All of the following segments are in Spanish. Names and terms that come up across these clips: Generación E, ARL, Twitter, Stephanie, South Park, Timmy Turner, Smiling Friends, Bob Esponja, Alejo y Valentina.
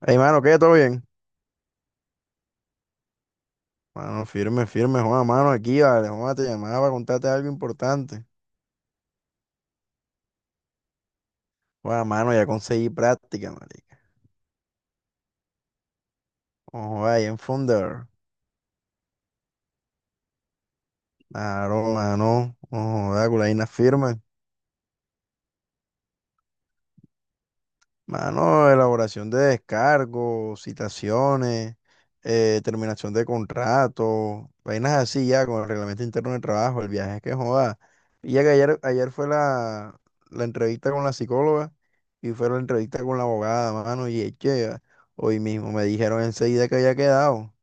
Hey, mano, ¿qué? ¿Todo bien? Mano, firme, firme, Juan, mano, aquí, vale, Juan, te llamaba para contarte algo importante. Juan, mano, ya conseguí práctica, marica. Ojo, ahí en Funder. Claro, mano, ojo, da culaína firme. Mano, elaboración de descargos, citaciones, terminación de contrato, vainas así ya con el reglamento interno de trabajo, el viaje es que joda. Y ya que ayer, ayer fue la entrevista con la psicóloga. Y fueron a la entrevista con la abogada, mano, y eche, hoy mismo me dijeron enseguida que había quedado.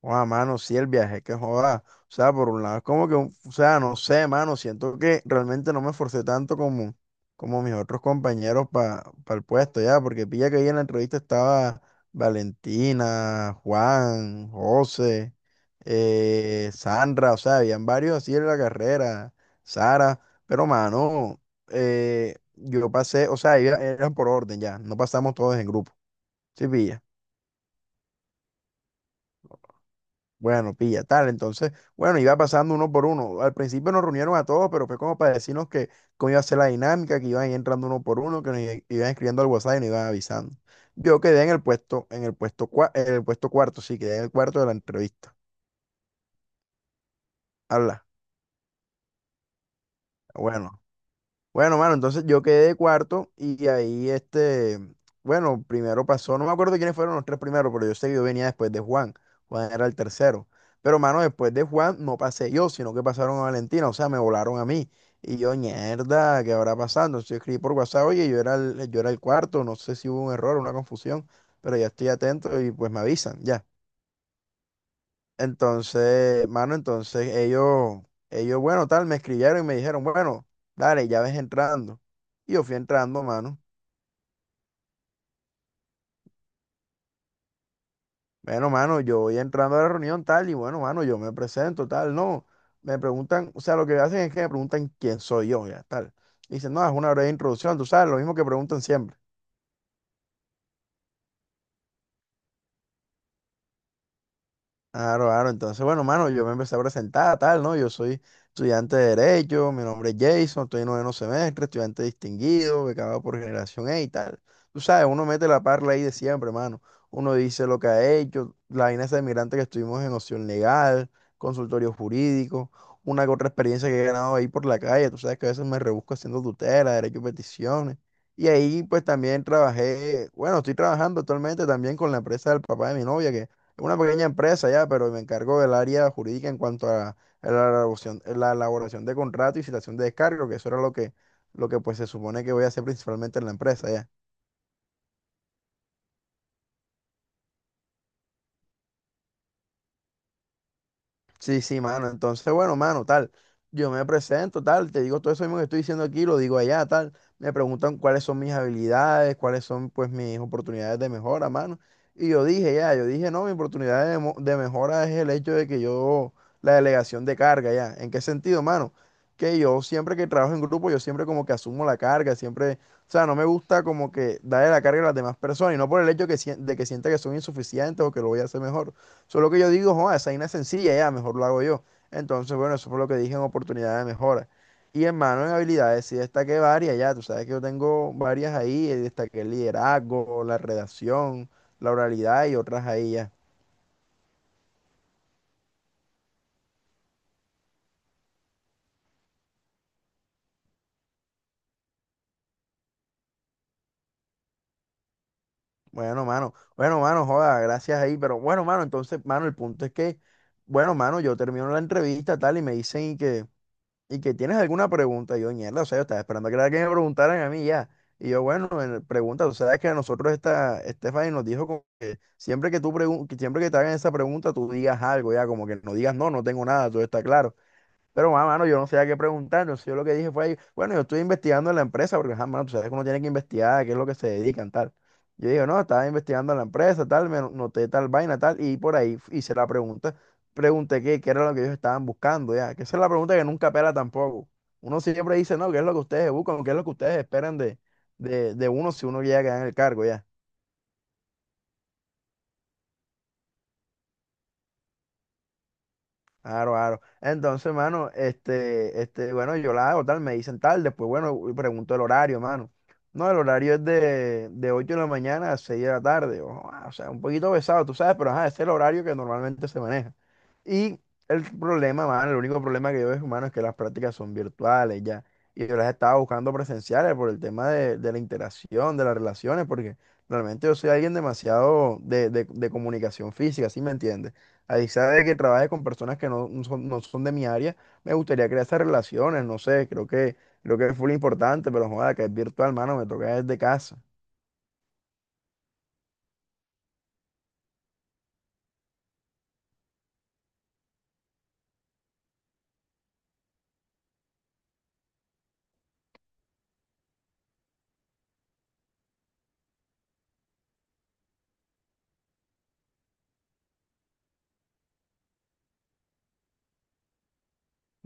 Joda, mano, sí, el viaje, que joda. O sea, por un lado es como que, o sea, no sé, mano, siento que realmente no me esforcé tanto como, como mis otros compañeros para el puesto, ya, porque pilla que ahí en la entrevista estaba Valentina, Juan, José, Sandra, o sea, habían varios así en la carrera, Sara, pero mano, yo pasé, o sea, eran por orden ya, no pasamos todos en grupo, sí, pilla, bueno, pilla, tal, entonces, bueno, iba pasando uno por uno, al principio nos reunieron a todos, pero fue como para decirnos que cómo iba a ser la dinámica, que iban entrando uno por uno, que iban escribiendo al WhatsApp y nos iban avisando. Yo quedé en el puesto, en el puesto, en el puesto cuarto, sí, quedé en el cuarto de la entrevista. Habla, bueno. Bueno, mano, entonces yo quedé de cuarto y ahí este, bueno, primero pasó, no me acuerdo quiénes fueron los tres primeros, pero yo sé que yo venía después de Juan, Juan era el tercero, pero mano, después de Juan no pasé yo, sino que pasaron a Valentina, o sea, me volaron a mí y yo, mierda, ¿qué habrá pasado? Entonces yo escribí por WhatsApp, oye, yo era el cuarto, no sé si hubo un error, una confusión, pero ya estoy atento y pues me avisan, ya. Entonces, mano, entonces ellos, bueno, tal, me escribieron y me dijeron, bueno, dale, ya ves entrando. Y yo fui entrando, mano. Bueno, mano, yo voy entrando a la reunión, tal, y bueno, mano, yo me presento, tal, no. Me preguntan, o sea, lo que hacen es que me preguntan quién soy yo, ya, tal. Dicen, no, es una breve introducción, tú sabes, lo mismo que preguntan siempre. Claro, claro. Entonces, bueno, mano, yo me empecé a presentar, tal, ¿no? Yo soy estudiante de Derecho, mi nombre es Jason, estoy en noveno semestre, estudiante distinguido, becado por Generación E y tal. Tú sabes, uno mete la parla ahí de siempre, mano. Uno dice lo que ha hecho, la vaina esa de migrante que estuvimos en opción legal, consultorio jurídico, una que otra experiencia que he ganado ahí por la calle. Tú sabes que a veces me rebusco haciendo tutela, derecho y peticiones. Y ahí, pues, también trabajé, bueno, estoy trabajando actualmente también con la empresa del papá de mi novia, que una pequeña empresa ya, pero me encargo del área jurídica en cuanto a la elaboración de contrato y citación de descargo, que eso era lo que pues se supone que voy a hacer principalmente en la empresa ya. Sí, sí, mano. Entonces, bueno, mano, tal. Yo me presento, tal. Te digo todo eso mismo que estoy diciendo aquí, lo digo allá, tal. Me preguntan cuáles son mis habilidades, cuáles son, pues, mis oportunidades de mejora, mano. Y yo dije, ya, yo dije, no, mi oportunidad de mejora es el hecho de que yo, la delegación de carga, ya. ¿En qué sentido, mano? Que yo siempre que trabajo en grupo, yo siempre como que asumo la carga, siempre, o sea, no me gusta como que darle la carga a las demás personas y no por el hecho que, de que sienta que son insuficientes o que lo voy a hacer mejor. Solo que yo digo, joder, esa vaina es sencilla, ya, mejor lo hago yo. Entonces, bueno, eso fue lo que dije en oportunidad de mejora. Y hermano, en habilidades sí destaqué varias, ya, tú sabes que yo tengo varias ahí, destaqué el liderazgo, la redacción, la oralidad y otras ahí ya. Bueno, mano, joda, gracias ahí, pero bueno, mano, entonces, mano, el punto es que, bueno, mano, yo termino la entrevista tal y me dicen y que tienes alguna pregunta, y yo, mierda, o sea, yo estaba esperando que, era que me preguntaran a mí ya. Y yo, bueno, pregunta, tú sabes que a nosotros esta Stephanie nos dijo como que siempre que que siempre que te hagan esa pregunta, tú digas algo, ya, como que no digas no, no tengo nada, todo está claro. Pero, mano, yo no sabía qué preguntar. Entonces, yo lo que dije fue, ahí, bueno, yo estoy investigando en la empresa, porque, ajá, mano, tú sabes que uno tiene que investigar, qué es lo que se dedican, tal. Yo dije, no, estaba investigando en la empresa, tal, me noté tal vaina, tal, y por ahí hice la pregunta. Pregunté qué, qué era lo que ellos estaban buscando, ya. Que esa es la pregunta que nunca pela tampoco. Uno siempre dice, no, qué es lo que ustedes buscan, qué es lo que ustedes esperan de uno si uno llega a ganar el cargo, ya. Claro, claro. Entonces, mano, este, bueno, yo la hago tal, me dicen tal, después, bueno, pregunto el horario, mano. No, el horario es de 8 de la mañana a 6 de la tarde. Ojo, ah, o sea, un poquito pesado, tú sabes, pero ajá, ese es el horario que normalmente se maneja. Y el problema, mano, el único problema que yo veo, mano, es que las prácticas son virtuales ya. Y yo las estaba buscando presenciales por el tema de la interacción, de las relaciones, porque realmente yo soy alguien demasiado de comunicación física, ¿sí me entiendes? A Isa de que trabaje con personas que no son, no son de mi área, me gustaría crear esas relaciones, no sé, creo que fue lo importante, pero joda, que es virtual, mano, me toca desde casa.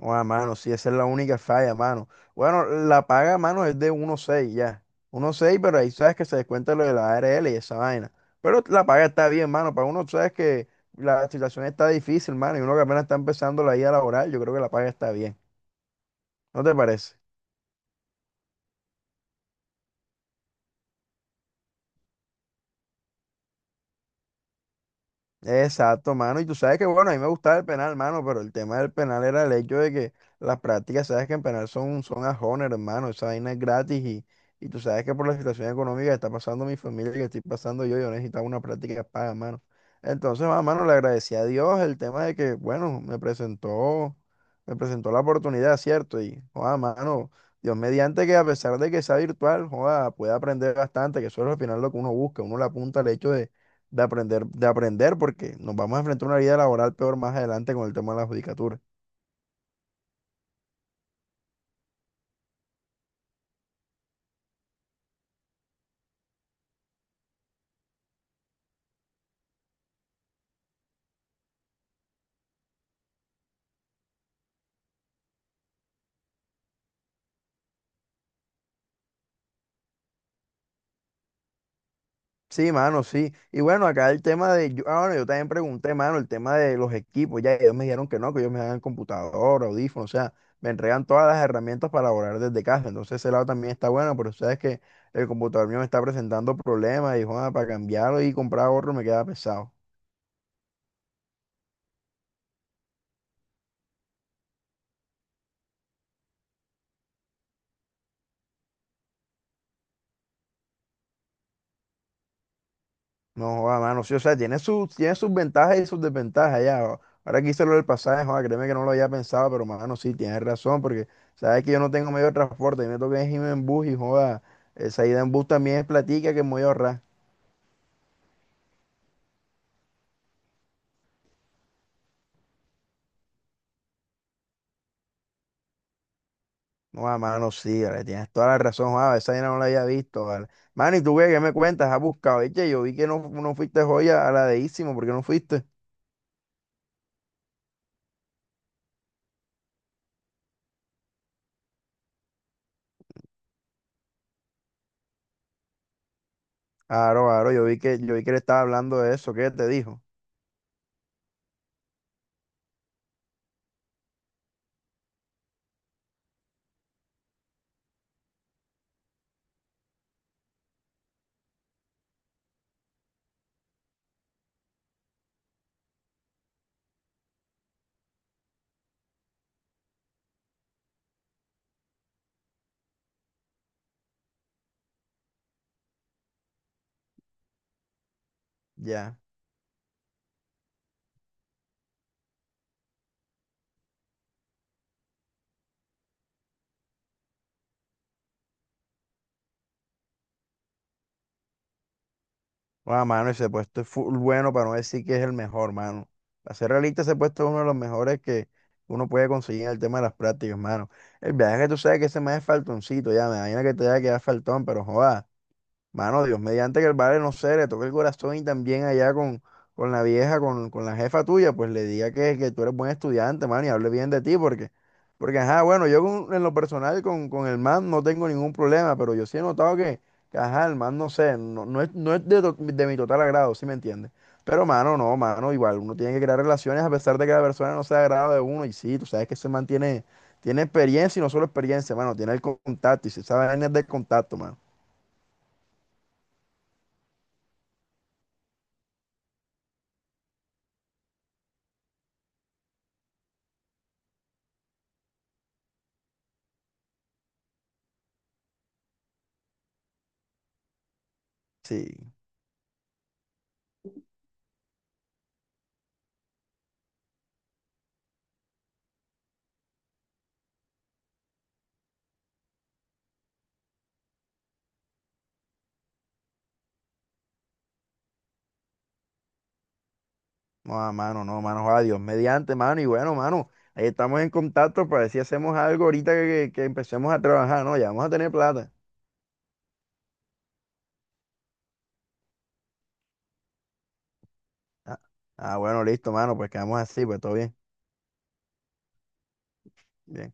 Joda, mano, sí, esa es la única falla, mano. Bueno, la paga, mano, es de 1.6 ya. 1.6, pero ahí sabes que se descuenta lo de la ARL y esa vaina. Pero la paga está bien, mano, para uno sabes que la situación está difícil, mano, y uno que apenas está empezando la vida laboral, yo creo que la paga está bien. ¿No te parece? Exacto, mano. Y tú sabes que, bueno, a mí me gustaba el penal, mano, pero el tema del penal era el hecho de que las prácticas, sabes que en penal son, son a honor, hermano, esa vaina es gratis y tú sabes que por la situación económica que está pasando mi familia, y que estoy pasando yo, yo necesitaba una práctica paga, mano. Entonces, ah, mano, le agradecí a Dios el tema de que, bueno, me presentó la oportunidad, ¿cierto? Y, joda, mano, Dios mediante que a pesar de que sea virtual, joda, puede aprender bastante, que eso es al final lo que uno busca, uno le apunta al hecho de aprender, porque nos vamos a enfrentar a una vida laboral peor más adelante con el tema de la judicatura. Sí, mano, sí. Y bueno, acá el tema de, yo, ah, bueno, yo también pregunté, mano, el tema de los equipos, ya ellos me dijeron que no, que ellos me dan computador, audífonos, o sea, me entregan todas las herramientas para laborar desde casa. Entonces ese lado también está bueno, pero sabes que el computador mío me está presentando problemas y, joda, para cambiarlo y comprar otro me queda pesado. No, joda, mano, sí, o sea, tiene sus ventajas y sus desventajas ya. Ahora que hice lo del pasaje, joda, créeme que no lo había pensado, pero mano, sí, tienes razón, porque sabes que yo no tengo medio de transporte, y me toca irme en bus y joda, esa ida en bus también es platica que me voy a ahorrar. No, joda, mano, sí, vale, tienes toda la razón, joda, esa vaina no la había visto, vale. Mano, ¿y tú qué, qué me cuentas? ¿Has buscado? Eche, yo vi que no, no fuiste joya a la de Ísimo, ¿por qué no fuiste? Aro, aro, yo vi que le estaba hablando de eso, ¿qué te dijo? Ya. Bueno, mano, ese puesto es full bueno para no decir que es el mejor, mano. Para ser realista, ese puesto es uno de los mejores que uno puede conseguir en el tema de las prácticas, mano. El viaje que tú sabes que ese más es faltoncito, ya me imagino que te haya quedado faltón, pero joda. Mano, Dios, mediante que el vale, no sé, le toque el corazón y también allá con la vieja, con la jefa tuya, pues le diga que tú eres buen estudiante, mano, y hable bien de ti, porque, porque, ajá, bueno, yo en lo personal con el man no tengo ningún problema, pero yo sí he notado que, ajá, el man, no sé, no, no es de mi total agrado, ¿sí me entiendes? Pero, mano, no, mano, igual, uno tiene que crear relaciones a pesar de que la persona no sea de agrado de uno, y sí, tú sabes que ese man tiene, tiene experiencia y no solo experiencia, mano, tiene el contacto, y si sabe es de contacto, mano, sí. No, ah, mano, no, mano, adiós Dios mediante, mano, y bueno, mano, ahí estamos en contacto para ver si hacemos algo ahorita que empecemos a trabajar, ¿no? Ya vamos a tener plata. Ah, ah, bueno, listo, mano, pues quedamos así, pues todo bien. Bien.